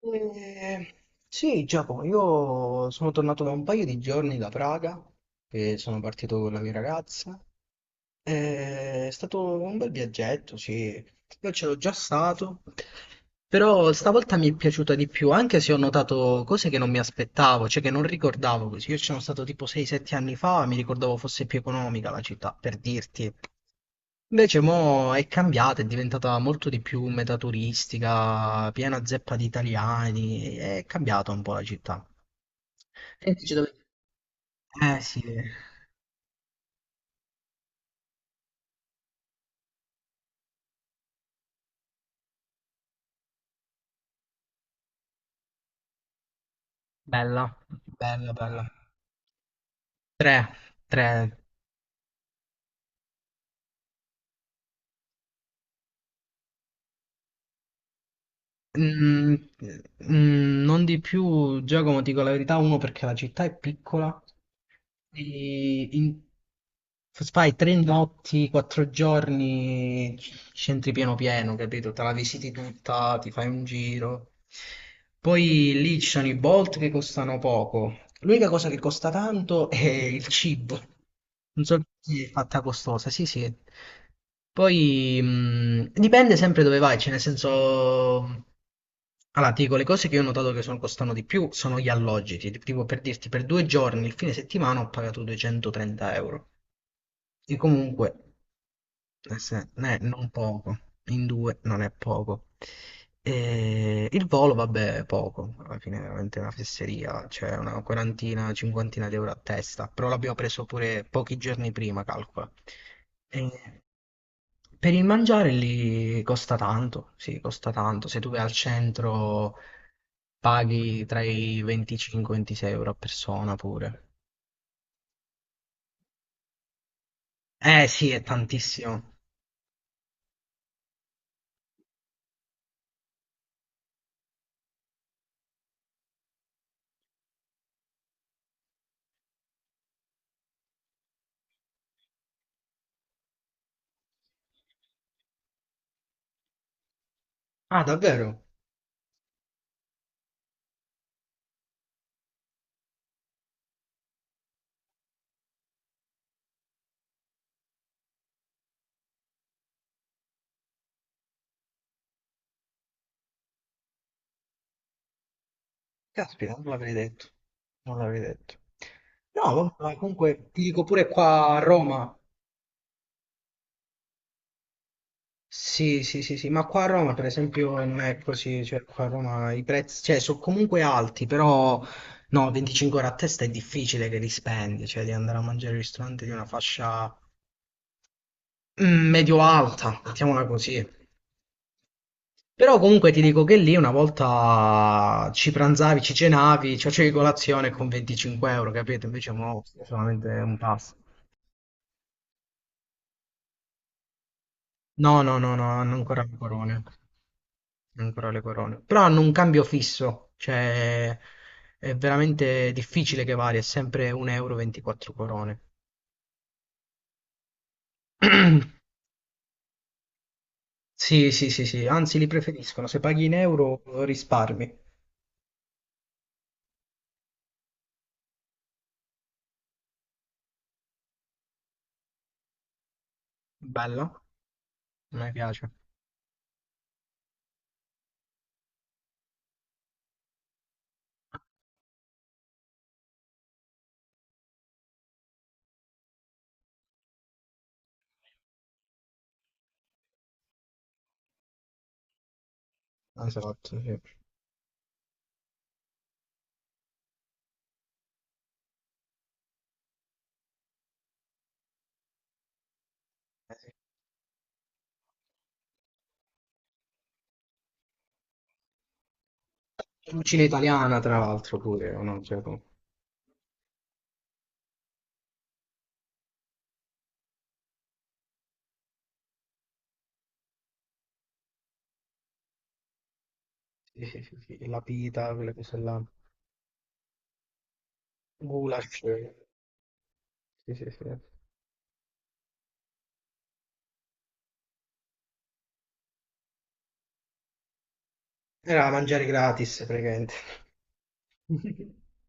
Eh, sì, Giacomo, io sono tornato da un paio di giorni da Praga e sono partito con la mia ragazza. È stato un bel viaggetto, sì. Io c'ero già stato, però stavolta mi è piaciuta di più, anche se ho notato cose che non mi aspettavo, cioè che non ricordavo così. Io ci sono stato tipo 6-7 anni fa, mi ricordavo fosse più economica la città, per dirti. Invece mo è cambiata, è diventata molto di più metaturistica, piena zeppa di italiani, è cambiata un po' la città. Sentici dove. Eh sì, bella, bella, bella. Tre. Mm, non di più, Giacomo, ti dico la verità, uno perché la città è piccola. Quindi fai 3 notti, 4 giorni, scentri pieno pieno, capito? Te la visiti tutta, ti fai un giro. Poi lì ci sono i Bolt che costano poco. L'unica cosa che costa tanto è il cibo. Non so perché è fatta costosa, sì, sì. Poi dipende sempre dove vai, cioè nel senso. Allora, ti dico, le cose che io ho notato che costano di più sono gli alloggi. Tipo, per dirti, per 2 giorni, il fine settimana ho pagato 230 euro. E comunque, eh sì, non poco, in due non è poco. E il volo, vabbè, è poco, alla fine è veramente una fesseria, cioè una quarantina, cinquantina di euro a testa, però l'abbiamo preso pure pochi giorni prima, calcola. E per il mangiare lì costa tanto, sì, costa tanto. Se tu vai al centro paghi tra i 25 e 26 euro a persona pure. Eh sì, è tantissimo. Ah, davvero? Caspita, non l'avrei detto. Non l'avrei detto. No, vabbè, ma comunque ti dico pure qua a Roma. Sì, sì, sì, sì, ma qua a Roma per esempio non è così, cioè qua a Roma i prezzi, cioè, sono comunque alti, però no, 25 euro a testa è difficile che li spendi, cioè di andare a mangiare al ristorante di una fascia medio-alta, mettiamola così. Però comunque ti dico che lì una volta ci pranzavi, ci cenavi, ci facevi colazione con 25 euro, capito? Invece mo è solamente un passo. No, no, no, no, hanno ancora le corone. Hanno ancora le corone. Però hanno un cambio fisso, cioè è veramente difficile che varia, è sempre 1 euro 24 corone. Sì, sì, sì, sì, anzi li preferiscono, se paghi in euro risparmi. Bella, a me piace. Esatto, sì. Sì. Cucina italiana, tra l'altro, pure, o no? Cioè, sì, sì, sì, sì, la pita, quelle cose là. Goulash. Sì, sì, sì. Era mangiare gratis, praticamente.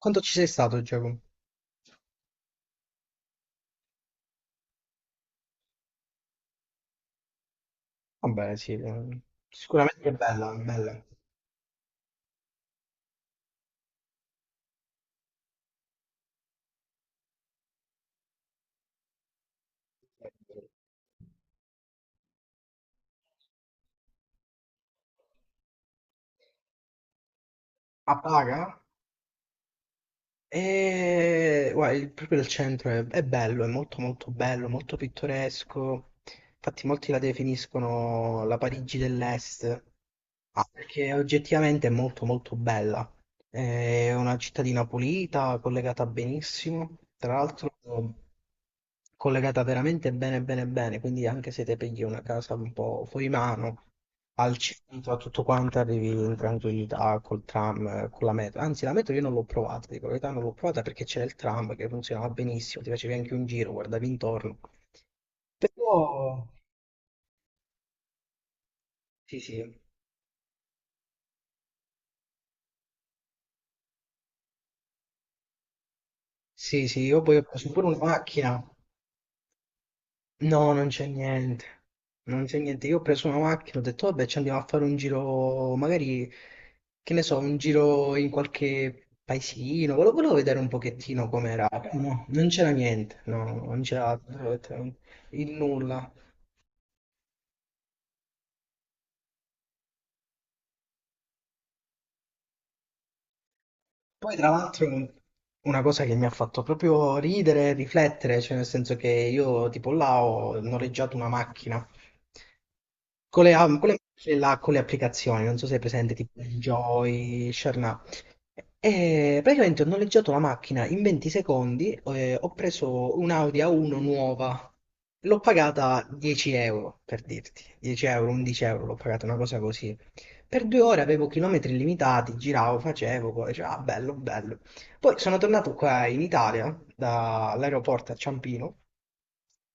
Quanto ci sei stato, Giacomo? Vabbè, sì, sicuramente è bella, è bella. A Praga? E, guarda, proprio il centro è bello, è molto molto bello, molto pittoresco. Infatti molti la definiscono la Parigi dell'Est. Ah, perché oggettivamente è molto molto bella. È una cittadina pulita, collegata benissimo, tra l'altro collegata veramente bene bene bene, quindi anche se te pigli una casa un po' fuori mano, al centro, a tutto quanto, arrivi in tranquillità col tram, con la metro. Anzi, la metro io non l'ho provata, dico la verità non l'ho provata perché c'era il tram che funzionava benissimo, ti facevi anche un giro, guardavi intorno. Però, sì, sì, sì, sì, io poi ho preso pure una macchina. No, non c'è niente. Non c'è niente. Io ho preso una macchina, ho detto, vabbè, ci andiamo a fare un giro, magari, che ne so, un giro in qualche paesino. Volevo vedere un pochettino com'era. No, non c'era niente. No, non c'era assolutamente il nulla. Poi, tra l'altro, una cosa che mi ha fatto proprio ridere e riflettere, cioè nel senso che io tipo là ho noleggiato una macchina con le macchine là, con le applicazioni, non so se è presente, tipo Enjoy, Sharna. E praticamente ho noleggiato la macchina in 20 secondi, ho preso un'Audi A1 nuova, l'ho pagata 10 euro, per dirti, 10 euro, 11 euro, l'ho pagata una cosa così, per 2 ore avevo chilometri illimitati, giravo, facevo, poi dicevo, ah, bello, bello. Poi sono tornato qua in Italia, dall'aeroporto a Ciampino,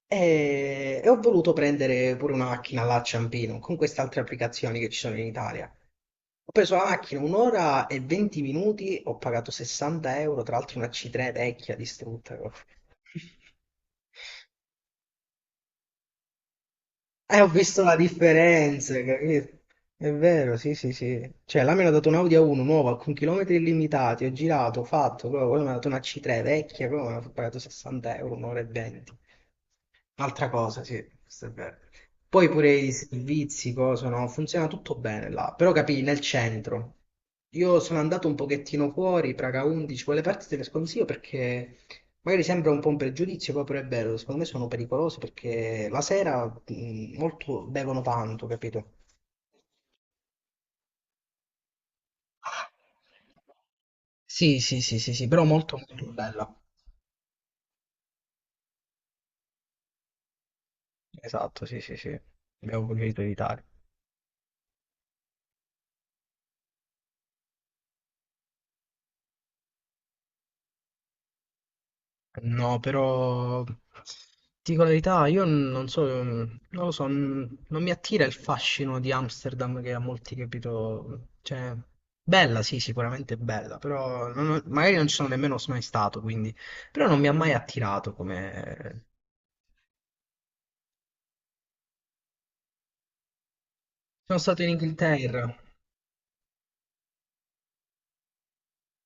e ho voluto prendere pure una macchina là a Ciampino, con queste altre applicazioni che ci sono in Italia. Ho preso la macchina un'ora e 20 minuti, ho pagato 60 euro, tra l'altro una C3 vecchia, distrutta. Ho visto la differenza, capito? È vero, sì, sì, sì. Cioè, là mi hanno dato un Audi A1 nuova con chilometri illimitati, ho girato, ho fatto, proprio, poi mi hanno dato una C3 vecchia, proprio, mi hanno pagato 60 euro, un'ora e 20. Un'altra cosa, sì, questo è vero. Poi pure i servizi, cosa, no? Funziona tutto bene là, però capì, nel centro. Io sono andato un pochettino fuori, Praga 11, quelle parti te le sconsiglio perché magari sembra un po' un pregiudizio, poi pure è vero, secondo me sono pericolosi perché la sera molto bevono tanto, capito? Sì, sì, sì, sì, sì, però molto molto bella. Esatto, sì, sì, sì. Abbiamo preferito evitare. No, però ti dico la verità, io non so, non lo so, non mi attira il fascino di Amsterdam che a molti capito, cioè bella, sì, sicuramente bella, però non ho- magari non ci sono nemmeno mai stato, quindi però non mi ha mai attirato come. Sono stato in Inghilterra.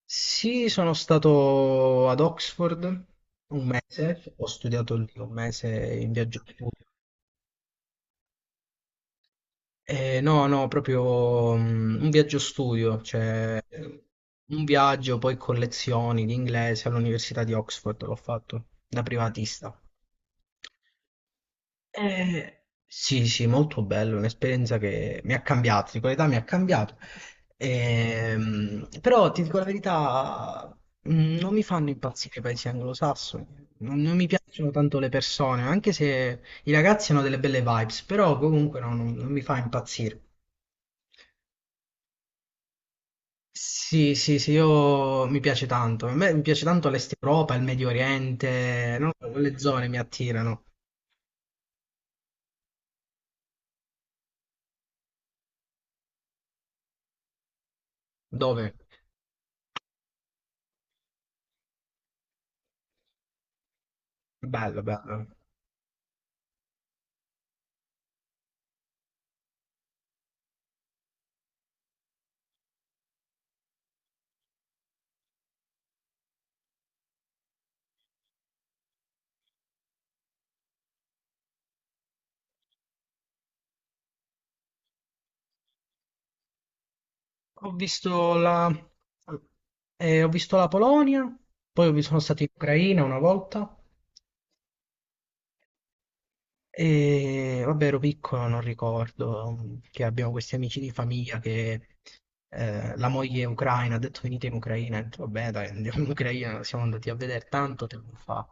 Sì, sono stato ad Oxford un mese, ho studiato lì un mese in viaggio. No, no, proprio un viaggio studio, cioè un viaggio poi con lezioni di inglese all'Università di Oxford l'ho fatto da privatista. Sì, sì, molto bello, un'esperienza che mi ha cambiato, di qualità mi ha cambiato. Però ti dico la verità, non mi fanno impazzire i paesi anglosassoni, non mi piacciono tanto le persone, anche se i ragazzi hanno delle belle vibes, però comunque no, non mi fa impazzire. Sì, sì, sì, io mi piace tanto. A me mi piace tanto l'Est Europa, il Medio Oriente, non lo so, quelle zone mi attirano. Dove? Bello, bello. Ho visto la... ho visto la Polonia, poi sono stato in Ucraina una volta. E vabbè, ero piccolo, non ricordo che abbiamo questi amici di famiglia che la moglie è ucraina, ha detto venite in Ucraina, ho detto, vabbè dai, andiamo in Ucraina, siamo andati a vedere tanto tempo fa.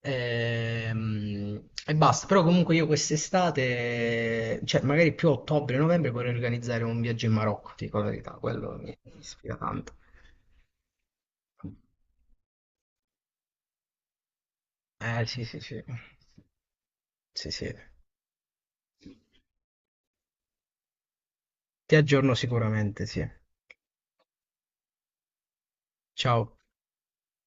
E basta, però comunque io quest'estate, cioè magari più a ottobre, novembre vorrei organizzare un viaggio in Marocco, ti dico la verità, quello mi ispira tanto. Eh sì sì sì, sì sì, ti aggiorno sicuramente, sì. Ciao.